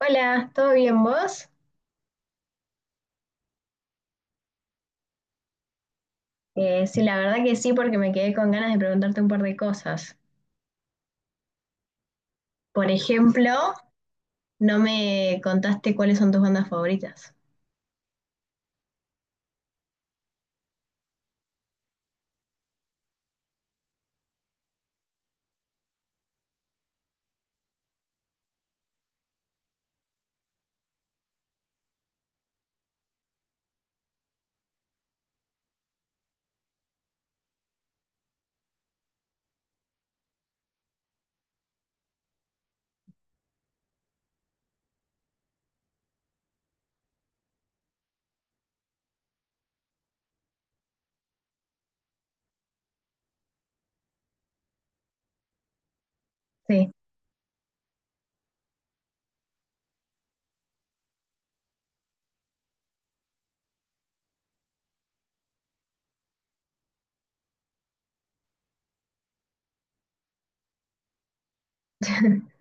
Hola, ¿todo bien vos? Sí, la verdad que sí, porque me quedé con ganas de preguntarte un par de cosas. Por ejemplo, no me contaste cuáles son tus bandas favoritas. Sí.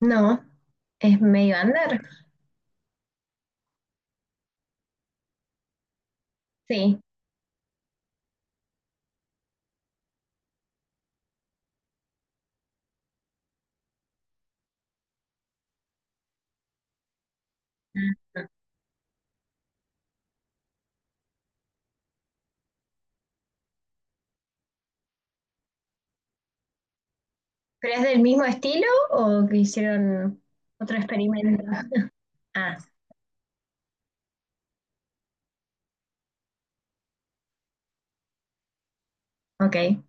No, es medio under. Sí. Ah, ¿pero es del mismo estilo o que hicieron otro experimento? Ah, ok.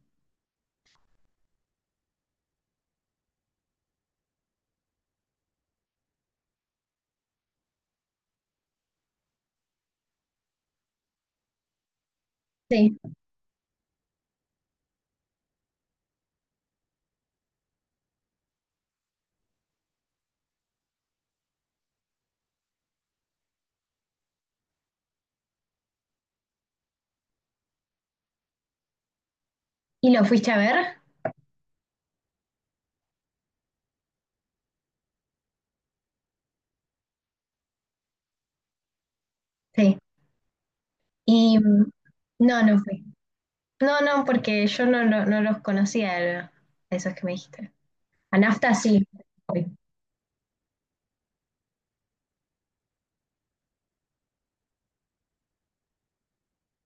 Sí. ¿Y lo fuiste a ver? Sí. Y no, no fui. No, no, porque yo no los conocía, a esos que me dijiste. A Nafta sí.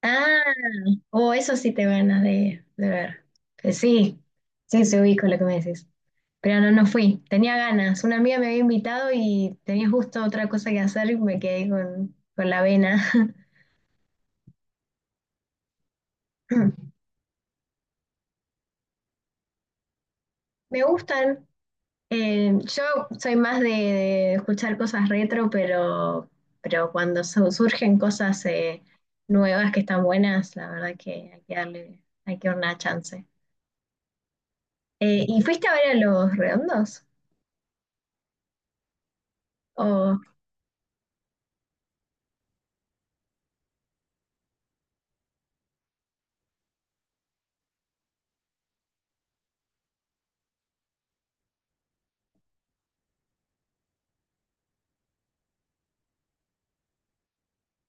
Ah, o eso sí te ganas de ver. Sí, sí, se ubico lo que me decís. Pero no, no fui. Tenía ganas. Una amiga me había invitado y tenía justo otra cosa que hacer y me quedé con la vena. Me gustan. Yo soy más de escuchar cosas retro, pero cuando surgen cosas nuevas que están buenas, la verdad que hay que darle, hay que dar una chance. ¿Y fuiste a ver a los redondos? O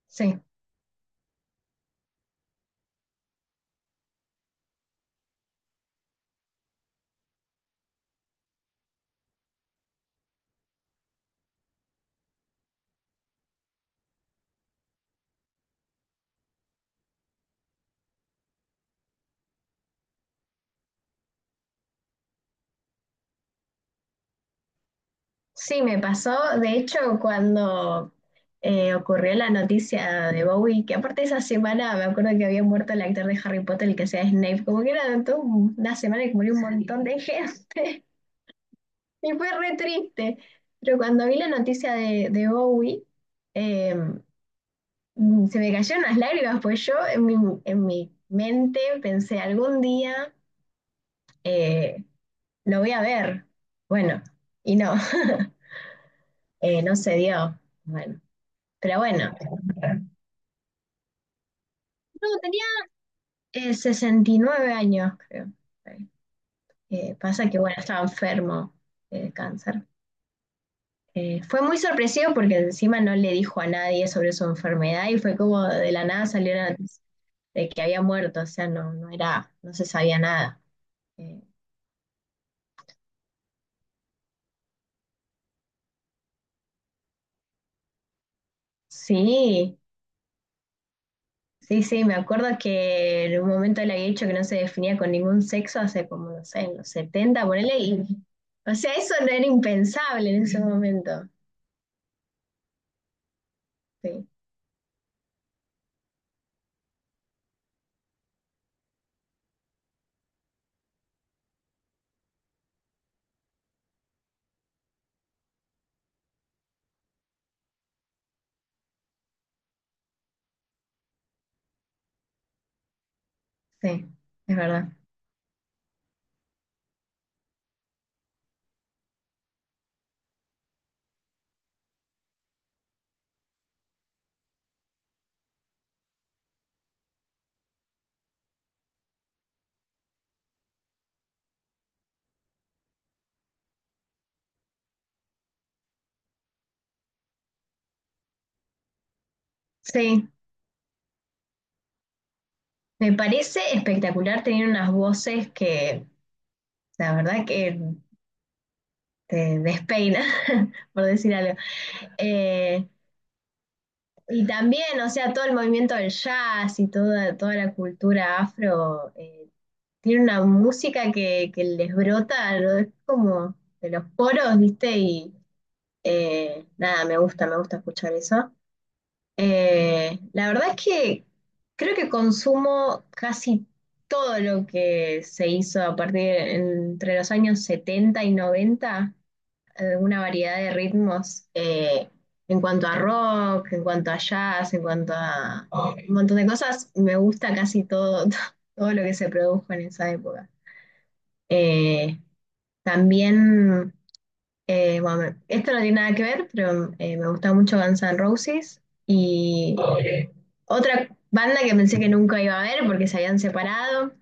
sí. Sí, me pasó, de hecho, cuando ocurrió la noticia de Bowie, que aparte esa semana me acuerdo que había muerto el actor de Harry Potter, el que sea Snape, como que era toda una semana que murió un. Sí. Montón de gente. Y fue re triste. Pero cuando vi la noticia de Bowie, eh, se me cayeron las lágrimas, pues yo en mi mente pensé, algún día eh, lo voy a ver. Bueno, y no, no se dio. Bueno, pero bueno, 69 años, creo. Pasa que, bueno, estaba enfermo de cáncer. Fue muy sorpresivo porque encima no le dijo a nadie sobre su enfermedad y fue como de la nada salió la noticia de que había muerto, o sea, no, no era, no se sabía nada. Eh, sí, sí, sí, me acuerdo que en un momento le había dicho que no se definía con ningún sexo hace como, no sé, en los 70, ponele, y, o sea, eso no era impensable en ese momento. Sí. Sí, es verdad. Sí, me parece espectacular tener unas voces que, la verdad que te despeina, por decir algo. Eh, y también, o sea, todo el movimiento del jazz y toda, toda la cultura afro, tiene una música que les brota, ¿no? Es como de los poros, ¿viste? Y nada, me gusta escuchar eso. La verdad es que creo que consumo casi todo lo que se hizo a partir entre los años 70 y noventa, una variedad de ritmos, en cuanto a rock, en cuanto a jazz, en cuanto a un montón de cosas. Me gusta casi todo, todo lo que se produjo en esa época. Eh, También, bueno, esto no tiene nada que ver, pero me gusta mucho Guns N' Roses. Y otra banda que pensé que nunca iba a ver porque se habían separado,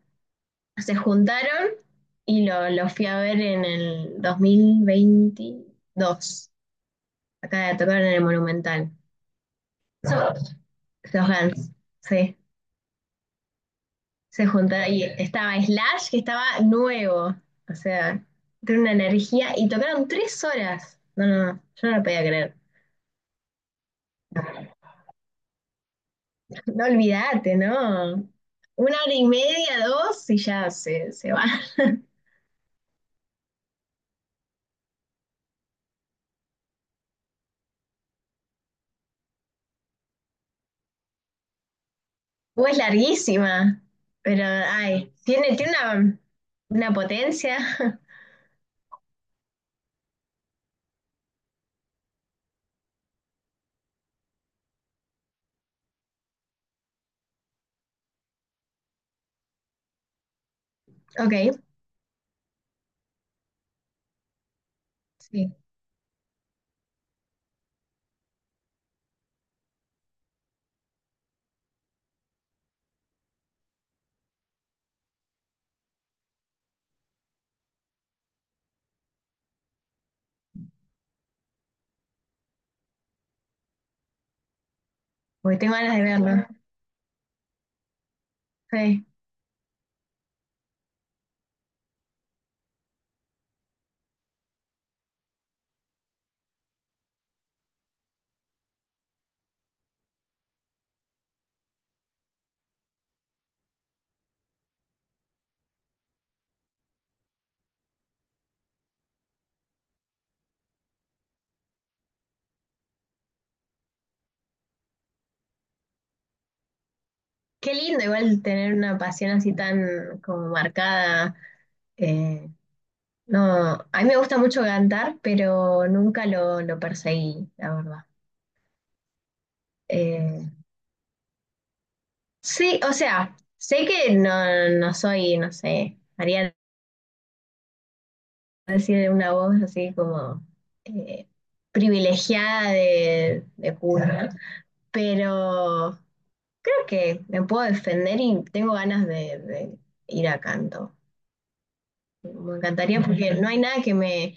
se juntaron y lo fui a ver en el 2022. Acá tocaron en el Monumental. So- los Guns, sí. Se juntaron y estaba Slash, que estaba nuevo. O sea, tiene una energía y tocaron tres horas. No, no, no, yo no lo podía creer. No olvídate, ¿no? Una hora y media, dos y ya se va. O es larguísima, pero ay, tiene, tiene una potencia. Ok, sí, porque tengo ganas de verlo. Sí. Qué lindo igual tener una pasión así tan como marcada. eh, no, a mí me gusta mucho cantar, pero nunca lo, lo perseguí, la verdad. Eh, sí, o sea, sé que no, no soy, no sé, Ariana decir una voz así como eh, privilegiada de cuna, pero creo que me puedo defender y tengo ganas de ir a canto. Me encantaría porque no hay nada que me,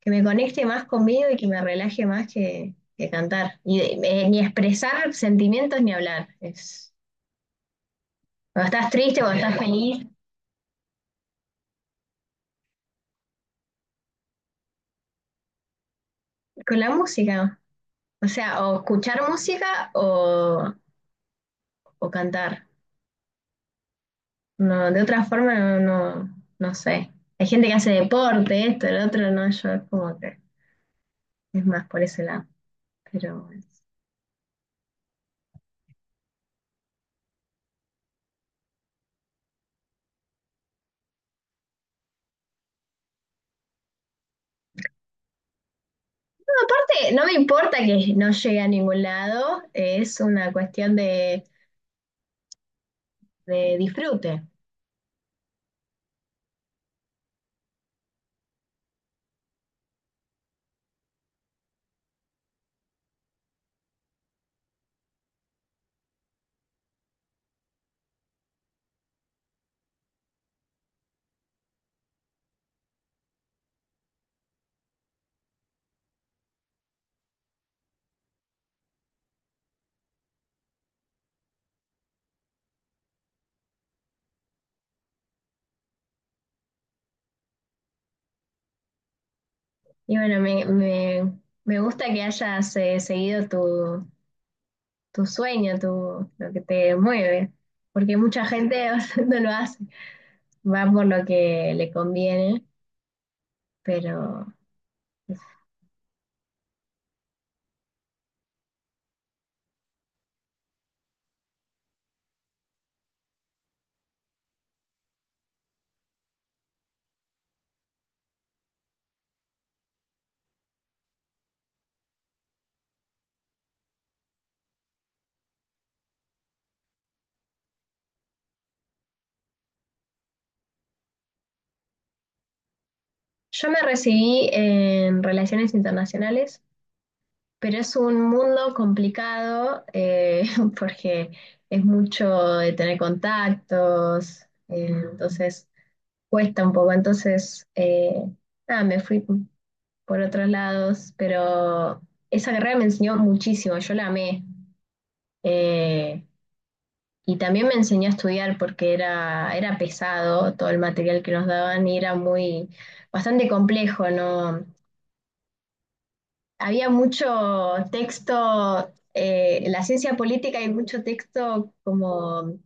que me conecte más conmigo y que me relaje más que cantar. Y, ni expresar sentimientos ni hablar. Es, cuando estás triste, cuando estás feliz, con la música. O sea, o escuchar música o cantar. No, de otra forma no, no, no sé. Hay gente que hace deporte, esto, el otro, no, yo es como que es más por ese lado. Pero bueno. No, aparte, no me importa que no llegue a ningún lado, es una cuestión de disfrute. Y bueno, me gusta que hayas seguido tu, tu sueño, tu, lo que te mueve, porque mucha gente no lo hace, va por lo que le conviene, pero yo me recibí en relaciones internacionales, pero es un mundo complicado porque es mucho de tener contactos, entonces cuesta un poco. Entonces, nada, me fui por otros lados, pero esa carrera me enseñó muchísimo, yo la amé. Eh, y también me enseñó a estudiar porque era, era pesado todo el material que nos daban y era muy, bastante complejo, ¿no? Había mucho texto, en la ciencia política hay mucho texto como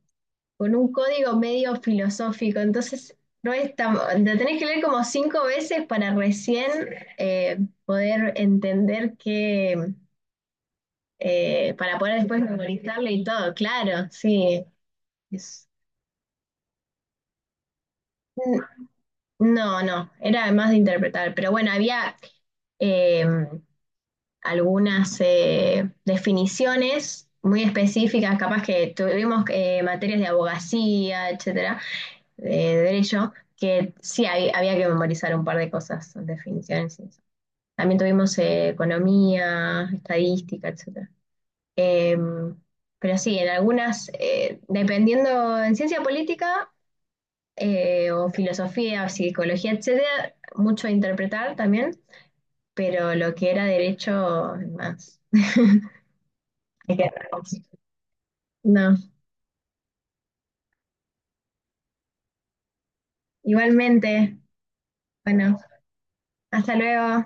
con un código medio filosófico, entonces no es tan, lo tenés que leer como cinco veces para recién eh, poder entender que, para poder después memorizarlo y todo, claro, sí. es- no, no, era más de interpretar, pero bueno, había... eh, Algunas definiciones muy específicas, capaz que tuvimos materias de abogacía, etcétera, de derecho, que sí había que memorizar un par de cosas, definiciones. Y eso. También tuvimos economía, estadística, etcétera. Em, pero sí, en algunas, dependiendo en ciencia política, o filosofía, o psicología, etcétera, mucho a interpretar también, pero lo que era derecho, más. Hay que. No, igualmente. Bueno, hasta luego.